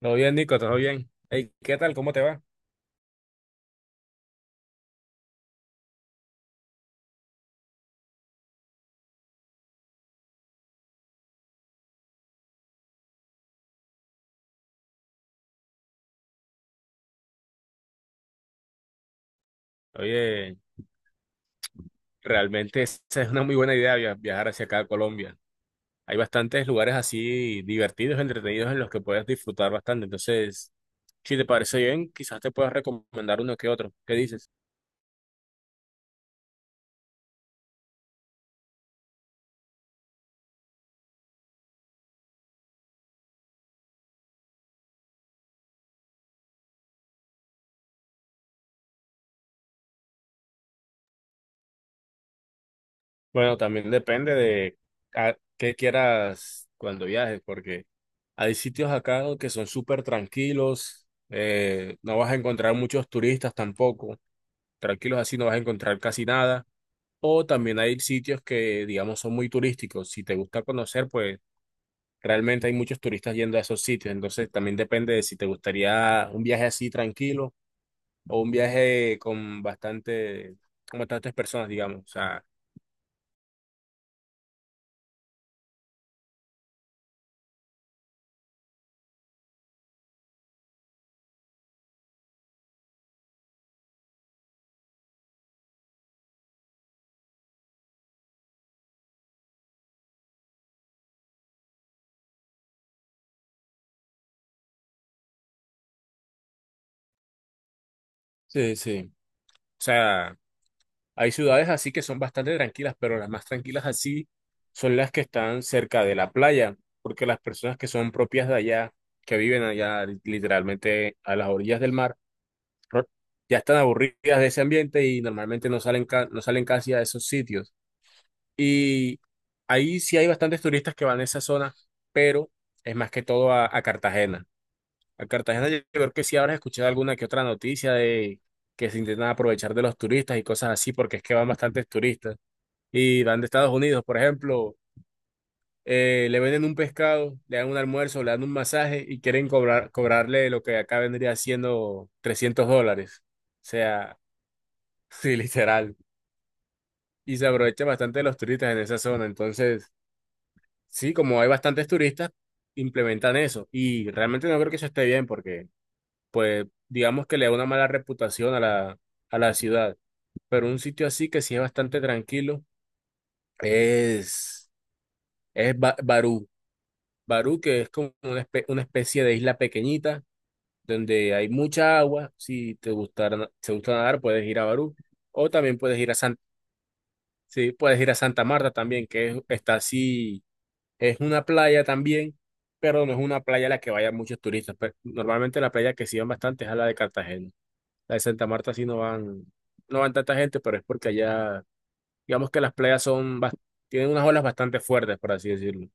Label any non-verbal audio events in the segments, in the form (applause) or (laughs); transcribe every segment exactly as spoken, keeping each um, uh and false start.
Todo bien, Nico, todo bien. Ey, ¿qué tal? ¿Cómo te va? Oye, realmente esa es una muy buena idea via- viajar hacia acá a Colombia. Hay bastantes lugares así divertidos, entretenidos en los que puedes disfrutar bastante. Entonces, si te parece bien, quizás te puedas recomendar uno que otro. ¿Qué dices? Bueno, también depende de a qué quieras cuando viajes, porque hay sitios acá que son súper tranquilos, eh, no vas a encontrar muchos turistas tampoco. Tranquilos así no vas a encontrar casi nada. O también hay sitios que, digamos, son muy turísticos. Si te gusta conocer, pues realmente hay muchos turistas yendo a esos sitios. Entonces también depende de si te gustaría un viaje así tranquilo o un viaje con bastante, con bastantes personas, digamos. O sea, sí, sí. O sea, hay ciudades así que son bastante tranquilas, pero las más tranquilas así son las que están cerca de la playa, porque las personas que son propias de allá, que viven allá literalmente a las orillas del mar, ¿no? Ya están aburridas de ese ambiente y normalmente no salen, ca- no salen casi a esos sitios. Y ahí sí hay bastantes turistas que van a esa zona, pero es más que todo a, a Cartagena. A Cartagena yo creo que sí habrás escuchado alguna que otra noticia de que se intentan aprovechar de los turistas y cosas así, porque es que van bastantes turistas y van de Estados Unidos, por ejemplo. Eh, le venden un pescado, le dan un almuerzo, le dan un masaje y quieren cobrar, cobrarle lo que acá vendría siendo trescientos dólares. O sea, sí, literal. Y se aprovecha bastante de los turistas en esa zona. Entonces, sí, como hay bastantes turistas, implementan eso. Y realmente no creo que eso esté bien porque, pues, digamos que le da una mala reputación a la, a la ciudad. Pero un sitio así que sí es bastante tranquilo es, es Ba- Barú. Barú, que es como una, espe- una especie de isla pequeñita donde hay mucha agua. Si te gustara, si te gusta nadar, puedes ir a Barú. O también puedes ir a San, sí, puedes ir a Santa Marta también, que es- está así. Es una playa también, pero no es una playa a la que vayan muchos turistas. Pe- Normalmente la playa que sí van bastante es a la de Cartagena. La de Santa Marta sí no van, no van tanta gente, pero es porque allá, digamos que las playas son, bas- tienen unas olas bastante fuertes, por así decirlo.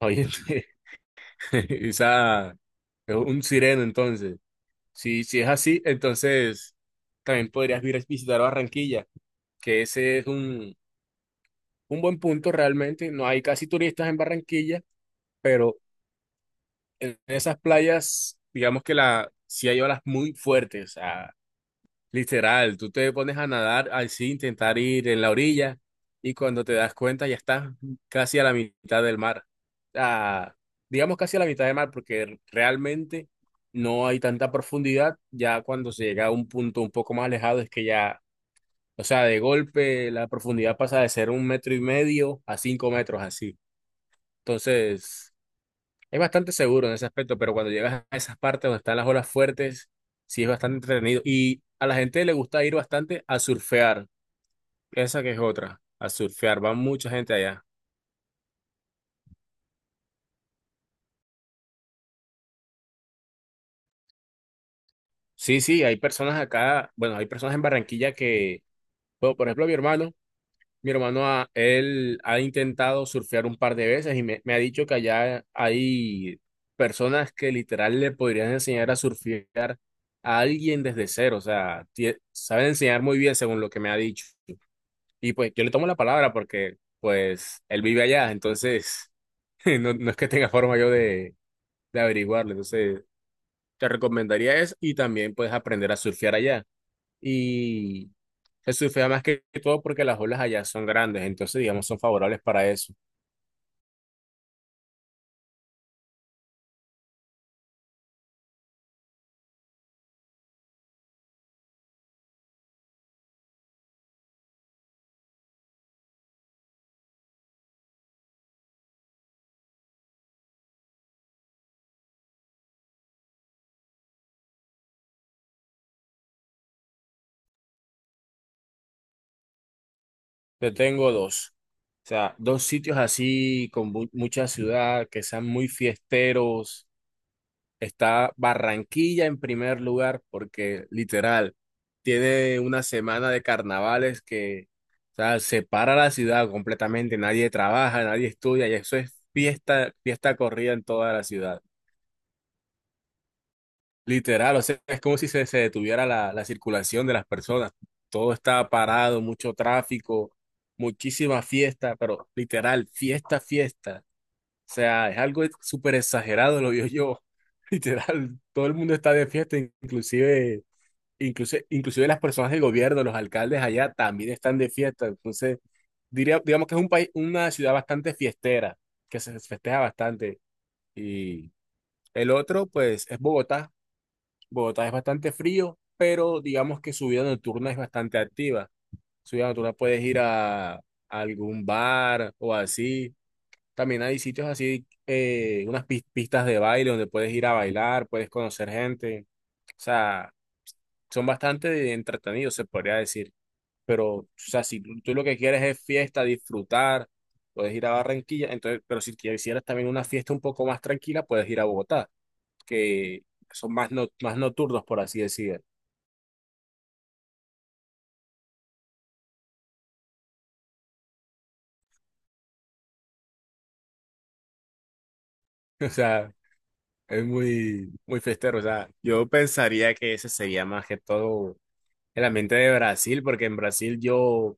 Oye, (laughs) quizá es un sireno entonces. Si, si es así, entonces también podrías vir a visitar Barranquilla, que ese es un, un buen punto realmente. No hay casi turistas en Barranquilla, pero en esas playas, digamos que la, si hay olas muy fuertes, o sea, literal, tú te pones a nadar así, intentar ir en la orilla y cuando te das cuenta ya estás casi a la mitad del mar. Ah, digamos casi a la mitad del mar porque realmente no hay tanta profundidad, ya cuando se llega a un punto un poco más alejado es que ya, o sea, de golpe la profundidad pasa de ser un metro y medio a cinco metros así. Entonces... Es bastante seguro en ese aspecto, pero cuando llegas a esas partes donde están las olas fuertes, sí es bastante entretenido. Y a la gente le gusta ir bastante a surfear. Esa que es otra, a surfear. Va mucha gente allá. Sí, sí, hay personas acá, bueno, hay personas en Barranquilla que, bueno, por ejemplo, mi hermano, mi hermano, ha- él ha intentado surfear un par de veces y me, me ha dicho que allá hay personas que literal le podrían enseñar a surfear a alguien desde cero. O sea, tie- saben enseñar muy bien según lo que me ha dicho. Y pues yo le tomo la palabra porque pues él vive allá, entonces (laughs) no, no es que tenga forma yo de, de averiguarlo. Entonces te recomendaría eso y también puedes aprender a surfear allá. Y se surfea más que todo porque las olas allá son grandes, entonces digamos son favorables para eso. Yo tengo dos, o sea, dos sitios así con mu- mucha ciudad que sean muy fiesteros. Está Barranquilla en primer lugar porque literal tiene una semana de carnavales que, o sea, separa la ciudad completamente, nadie trabaja, nadie estudia y eso es fiesta, fiesta corrida en toda la ciudad. Literal, o sea, es como si se, se detuviera la, la circulación de las personas. Todo está parado, mucho tráfico, muchísima fiesta, pero literal, fiesta, fiesta. O sea, es algo súper exagerado, lo vio yo. (laughs) Literal, todo el mundo está de fiesta, inclusive, inclusive, inclusive las personas del gobierno, los alcaldes allá también están de fiesta. Entonces, diría, digamos que es un país, una ciudad bastante fiestera, que se festeja bastante. Y el otro, pues, es Bogotá. Bogotá es bastante frío, pero digamos que su vida nocturna es bastante activa. Su vida nocturna puedes ir a, a algún bar o así también hay sitios así, eh, unas pis- pistas de baile donde puedes ir a bailar, puedes conocer gente. O sea, son bastante entretenidos, se podría decir. Pero, o sea, si tú tú lo que quieres es fiesta, disfrutar, puedes ir a Barranquilla. Entonces, pero si quisieras también una fiesta un poco más tranquila, puedes ir a Bogotá, que son más, no- más nocturnos, por así decir. (laughs) O sea, es muy, muy festero. O sea, yo pensaría que ese sería más que todo. El ambiente de Brasil, porque en Brasil yo,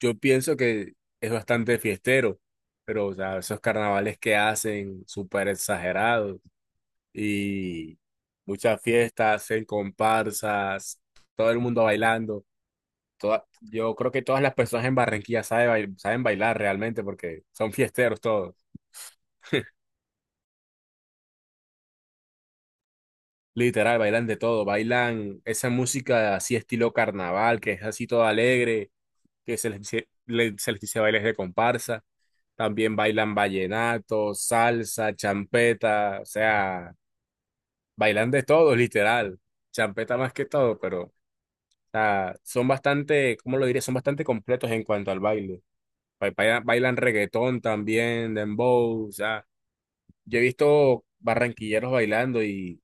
yo pienso que es bastante fiestero, pero o sea, esos carnavales que hacen súper exagerados y muchas fiestas, hacen comparsas, todo el mundo bailando. Toda- yo creo que todas las personas en Barranquilla saben, bail- saben bailar realmente porque son fiesteros todos, literal, bailan de todo, bailan esa música así estilo carnaval, que es así todo alegre que se les, dice- le- se les dice bailes de comparsa. También bailan vallenato, salsa, champeta, o sea, bailan de todo, literal. Champeta más que todo, pero o sea, son bastante, ¿cómo lo diría? Son bastante completos en cuanto al baile. Ba- baila- Bailan, reggaetón también, dembow, o sea, yo he visto barranquilleros bailando y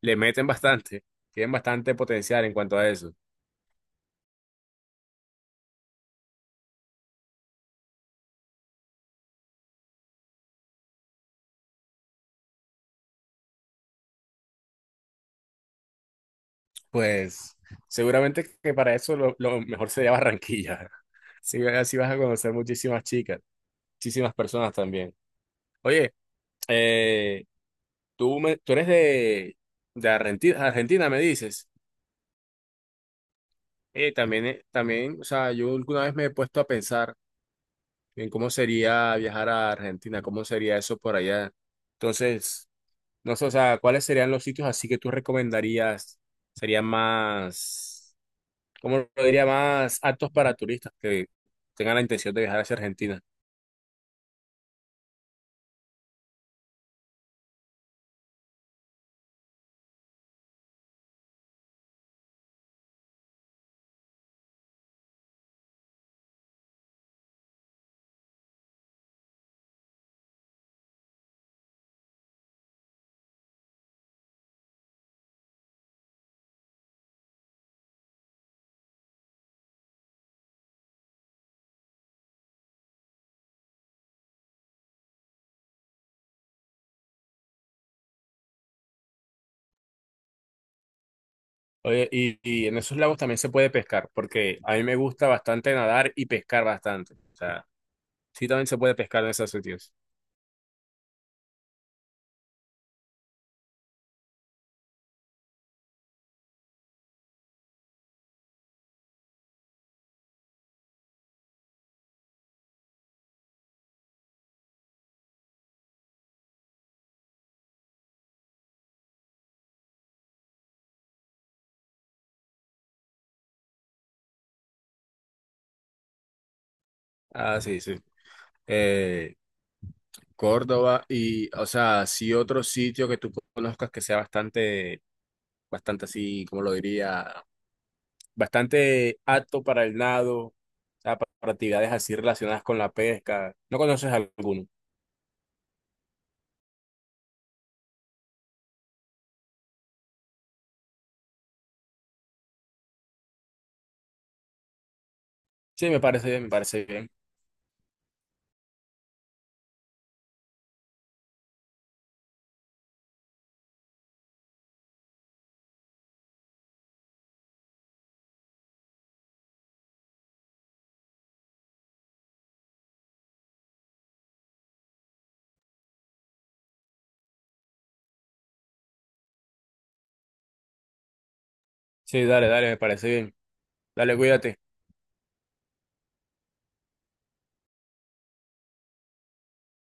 le meten bastante, tienen bastante potencial en cuanto a eso. Pues seguramente que para eso lo, lo mejor sería Barranquilla. (laughs) Sí, así vas a conocer muchísimas chicas, muchísimas personas también. Oye, eh, tú, me- tú eres de, de Argentina, Argentina, me dices. Eh, también, eh, también, o sea, yo alguna vez me he puesto a pensar en cómo sería viajar a Argentina, cómo sería eso por allá. Entonces, no sé, o sea, ¿cuáles serían los sitios así que tú recomendarías? ¿Serían más...? Como lo diría, más aptos para turistas que tengan la intención de viajar hacia Argentina. Oye, y, y en esos lagos también se puede pescar, porque a mí me gusta bastante nadar y pescar bastante. O sea, sí también se puede pescar en esos sitios. Ah, sí, sí. Eh, Córdoba y, o sea, sí otro sitio que tú conozcas que sea bastante, bastante así, como lo diría, bastante apto para el nado, o sea, pa- para actividades así relacionadas con la pesca. ¿No conoces alguno? Sí, me parece bien, me parece bien. Sí, dale, dale, me parece bien. Dale, cuídate.